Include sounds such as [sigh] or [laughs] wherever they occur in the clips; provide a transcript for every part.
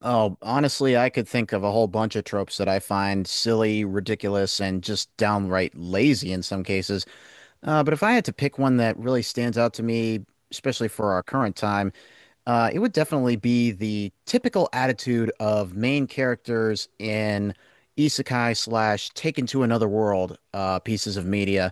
Oh, honestly, I could think of a whole bunch of tropes that I find silly, ridiculous, and just downright lazy in some cases. But if I had to pick one that really stands out to me, especially for our current time, it would definitely be the typical attitude of main characters in isekai slash taken to another world pieces of media.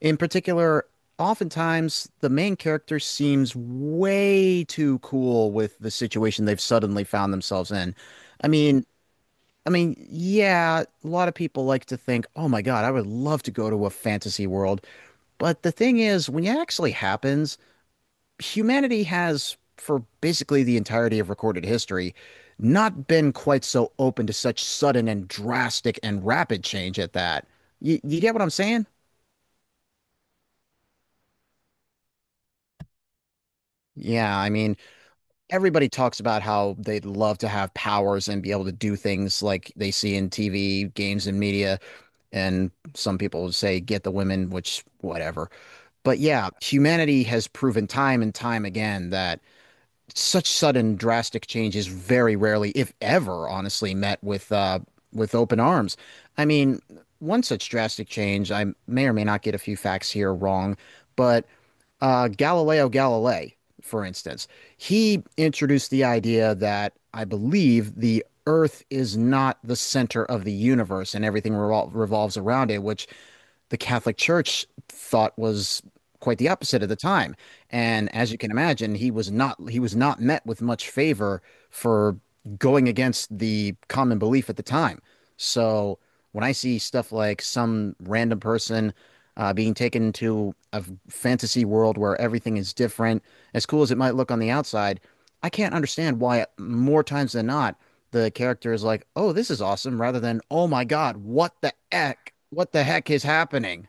In particular, oftentimes the main character seems way too cool with the situation they've suddenly found themselves in. I mean, I mean, yeah, a lot of people like to think, "Oh my God, I would love to go to a fantasy world." But the thing is, when it actually happens, humanity has, for basically the entirety of recorded history, not been quite so open to such sudden and drastic and rapid change at that. You get what I'm saying? Yeah, I mean, everybody talks about how they'd love to have powers and be able to do things like they see in TV, games, and media. And some people would say, get the women, which, whatever. But yeah, humanity has proven time and time again that such sudden, drastic change is very rarely, if ever, honestly, met with open arms. I mean, one such drastic change, I may or may not get a few facts here wrong, but Galileo Galilei, for instance, he introduced the idea that I believe the Earth is not the center of the universe and everything revolves around it, which the Catholic Church thought was quite the opposite at the time. And as you can imagine, he was not met with much favor for going against the common belief at the time. So when I see stuff like some random person being taken to a fantasy world where everything is different, as cool as it might look on the outside, I can't understand why more times than not the character is like, "Oh, this is awesome," rather than, "Oh my God, what the heck? What the heck is happening?"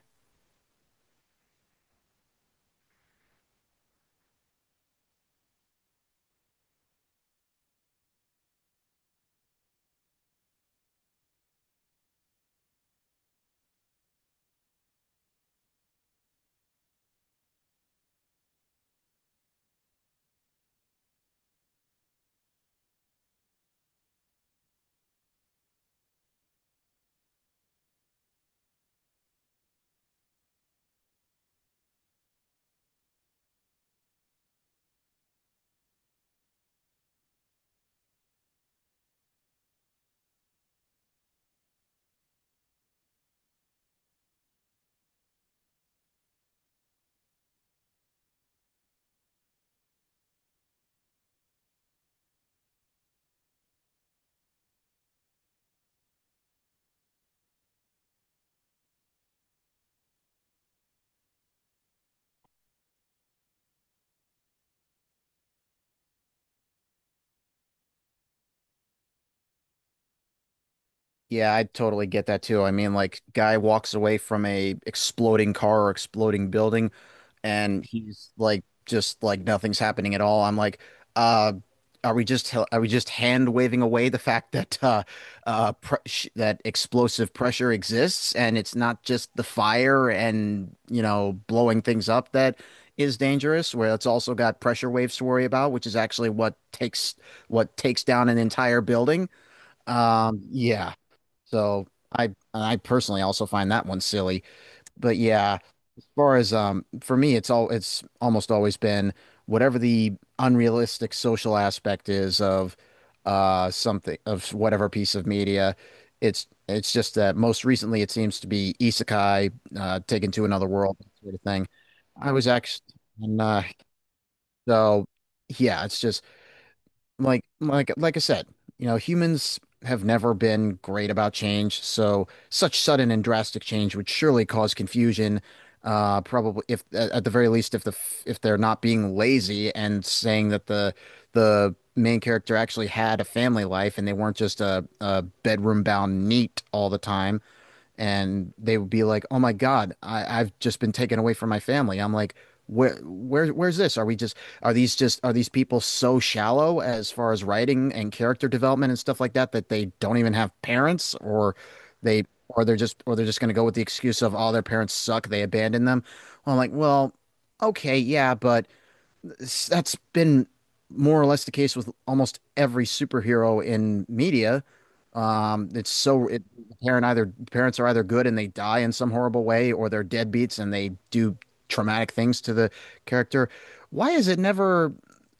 Yeah, I totally get that too. I mean, like, guy walks away from a exploding car or exploding building, and he's like just like nothing's happening at all. I'm like, uh, are we just hand waving away the fact that pre that explosive pressure exists, and it's not just the fire and, you know, blowing things up that is dangerous, where it's also got pressure waves to worry about, which is actually what takes down an entire building. Yeah, so I personally also find that one silly, but yeah, far as for me it's almost always been whatever the unrealistic social aspect is of something of whatever piece of media. It's just that most recently it seems to be isekai, taken to another world, that sort of thing. I was actually, and so yeah, it's just like I said, you know, humans have never been great about change, so such sudden and drastic change would surely cause confusion. Probably if at the very least, if if they're not being lazy and saying that the main character actually had a family life and they weren't just a, bedroom bound neat all the time, and they would be like, "Oh my God, I've just been taken away from my family." I'm like, "Where's this? Are we just are these people so shallow as far as writing and character development and stuff like that that they don't even have parents, or they or they're just going to go with the excuse of all their parents suck, they abandoned them." Well, I'm like, "Well, okay, yeah, but." That's been more or less the case with almost every superhero in media. It's so it parent Either parents are either good and they die in some horrible way, or they're deadbeats and they do traumatic things to the character. Why is it never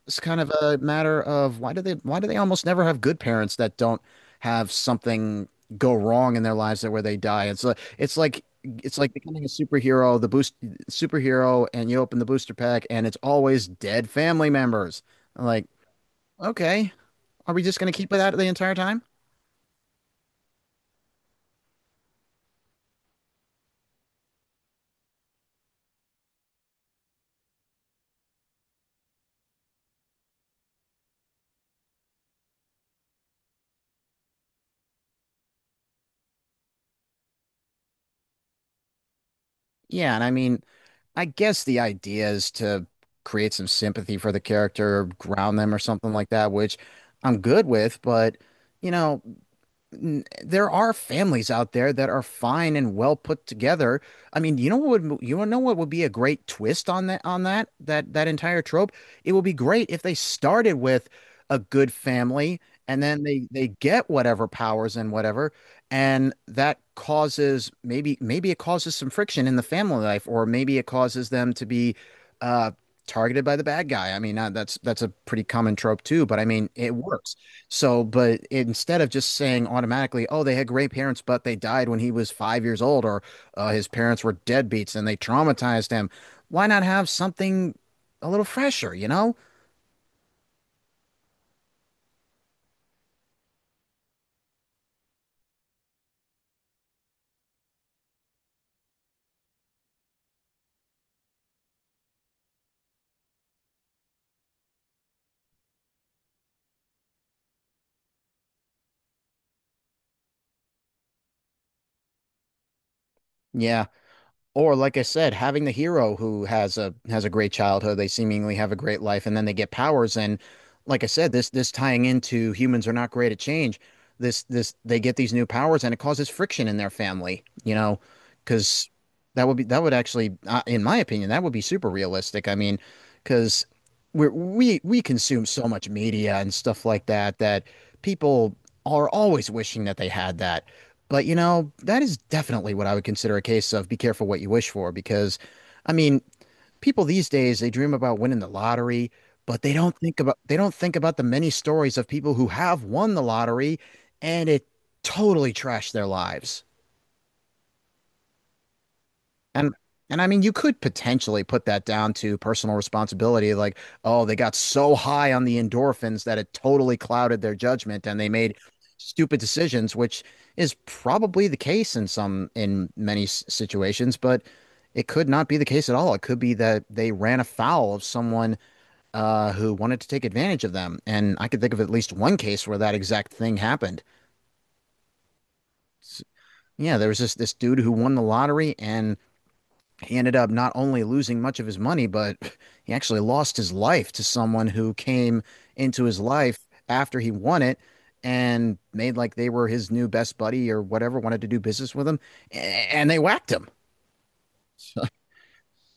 It's kind of a matter of why do they almost never have good parents that don't have something go wrong in their lives, that where they die. It's like becoming a superhero. The boost superhero, and you open the booster pack, and it's always dead family members. I'm like, okay, are we just going to keep it out the entire time? Yeah, and I mean, I guess the idea is to create some sympathy for the character, ground them or something like that, which I'm good with, but, you know, there are families out there that are fine and well put together. I mean, you know what would be a great twist on that, on that entire trope? It would be great if they started with a good family, and then they get whatever powers and whatever, and that causes, maybe it causes some friction in the family life, or maybe it causes them to be uh targeted by the bad guy. I mean, that's a pretty common trope too, but I mean, it works. So, but instead of just saying automatically, oh, they had great parents, but they died when he was 5 years old, or his parents were deadbeats and they traumatized him, why not have something a little fresher, you know? Yeah. Or like I said, having the hero who has a great childhood, they seemingly have a great life, and then they get powers. And like I said, this tying into humans are not great at change. This they get these new powers, and it causes friction in their family, you know, because that would be, that would actually, in my opinion, that would be super realistic. I mean, because we consume so much media and stuff like that that people are always wishing that they had that. But you know, that is definitely what I would consider a case of be careful what you wish for, because I mean, people these days they dream about winning the lottery, but they don't think about the many stories of people who have won the lottery, and it totally trashed their lives. And and I mean, you could potentially put that down to personal responsibility, like, oh, they got so high on the endorphins that it totally clouded their judgment and they made stupid decisions, which is probably the case in many situations, but it could not be the case at all. It could be that they ran afoul of someone, who wanted to take advantage of them. And I could think of at least one case where that exact thing happened. S- Yeah, there was this dude who won the lottery, and he ended up not only losing much of his money, but he actually lost his life to someone who came into his life after he won it and made like they were his new best buddy or whatever, wanted to do business with him, and they whacked him. [laughs]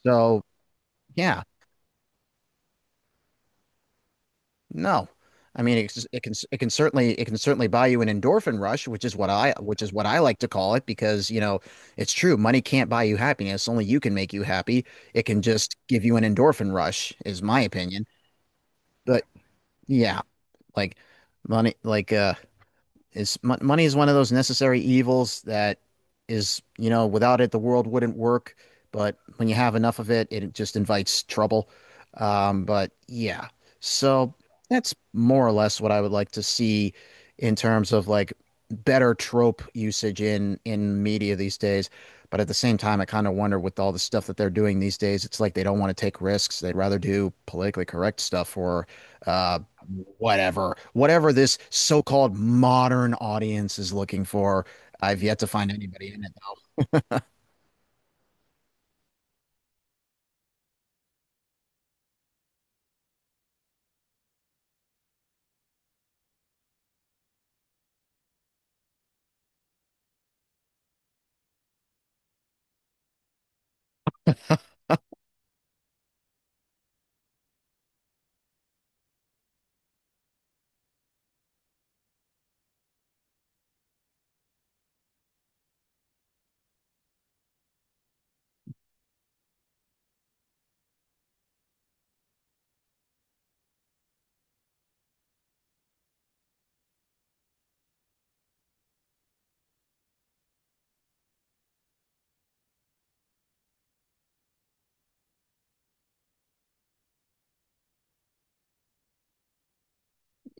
So yeah, no. I mean, it can certainly buy you an endorphin rush, which is what I like to call it, because you know it's true, money can't buy you happiness, only you can make you happy. It can just give you an endorphin rush, is my opinion. But yeah, like money, like is mon money is one of those necessary evils that is, you know, without it the world wouldn't work. But when you have enough of it, it just invites trouble. But yeah, so that's more or less what I would like to see in terms of like better trope usage in media these days. But at the same time, I kind of wonder, with all the stuff that they're doing these days, it's like they don't want to take risks. They'd rather do politically correct stuff, or uh whatever this so-called modern audience is looking for. I've yet to find anybody in it.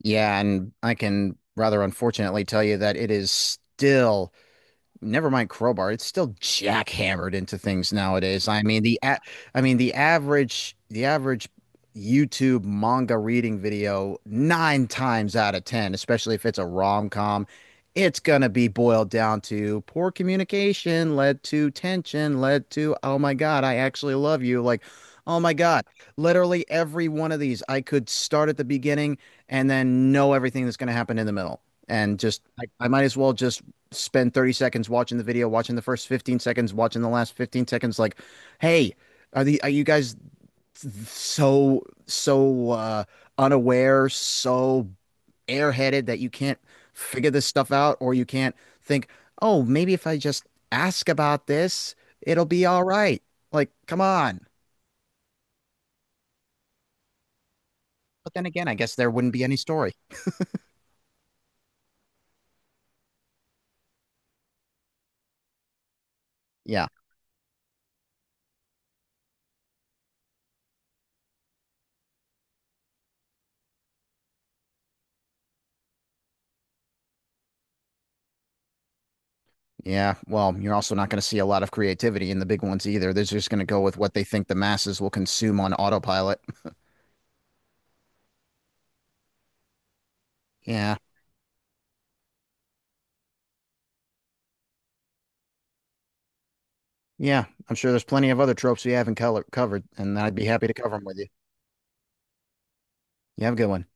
Yeah, and I can rather unfortunately tell you that it is still, never mind crowbar, it's still jackhammered into things nowadays. I mean, the average YouTube manga reading video, nine times out of ten, especially if it's a rom-com, it's gonna be boiled down to poor communication led to tension led to, "Oh my God, I actually love you," like, "Oh my God." Literally every one of these, I could start at the beginning and then know everything that's gonna happen in the middle, and just I might as well just spend 30 seconds watching the video, watching the first 15 seconds, watching the last 15 seconds. Like, hey, are you guys, so unaware, so airheaded that you can't figure this stuff out, or you can't think, oh, maybe if I just ask about this, it'll be all right. Like, come on. But then again, I guess there wouldn't be any story. Yeah. Yeah. Well, you're also not going to see a lot of creativity in the big ones either. They're just going to go with what they think the masses will consume on autopilot. Yeah. Yeah, I'm sure there's plenty of other tropes we haven't covered, and I'd be happy to cover them with you. You have a good one.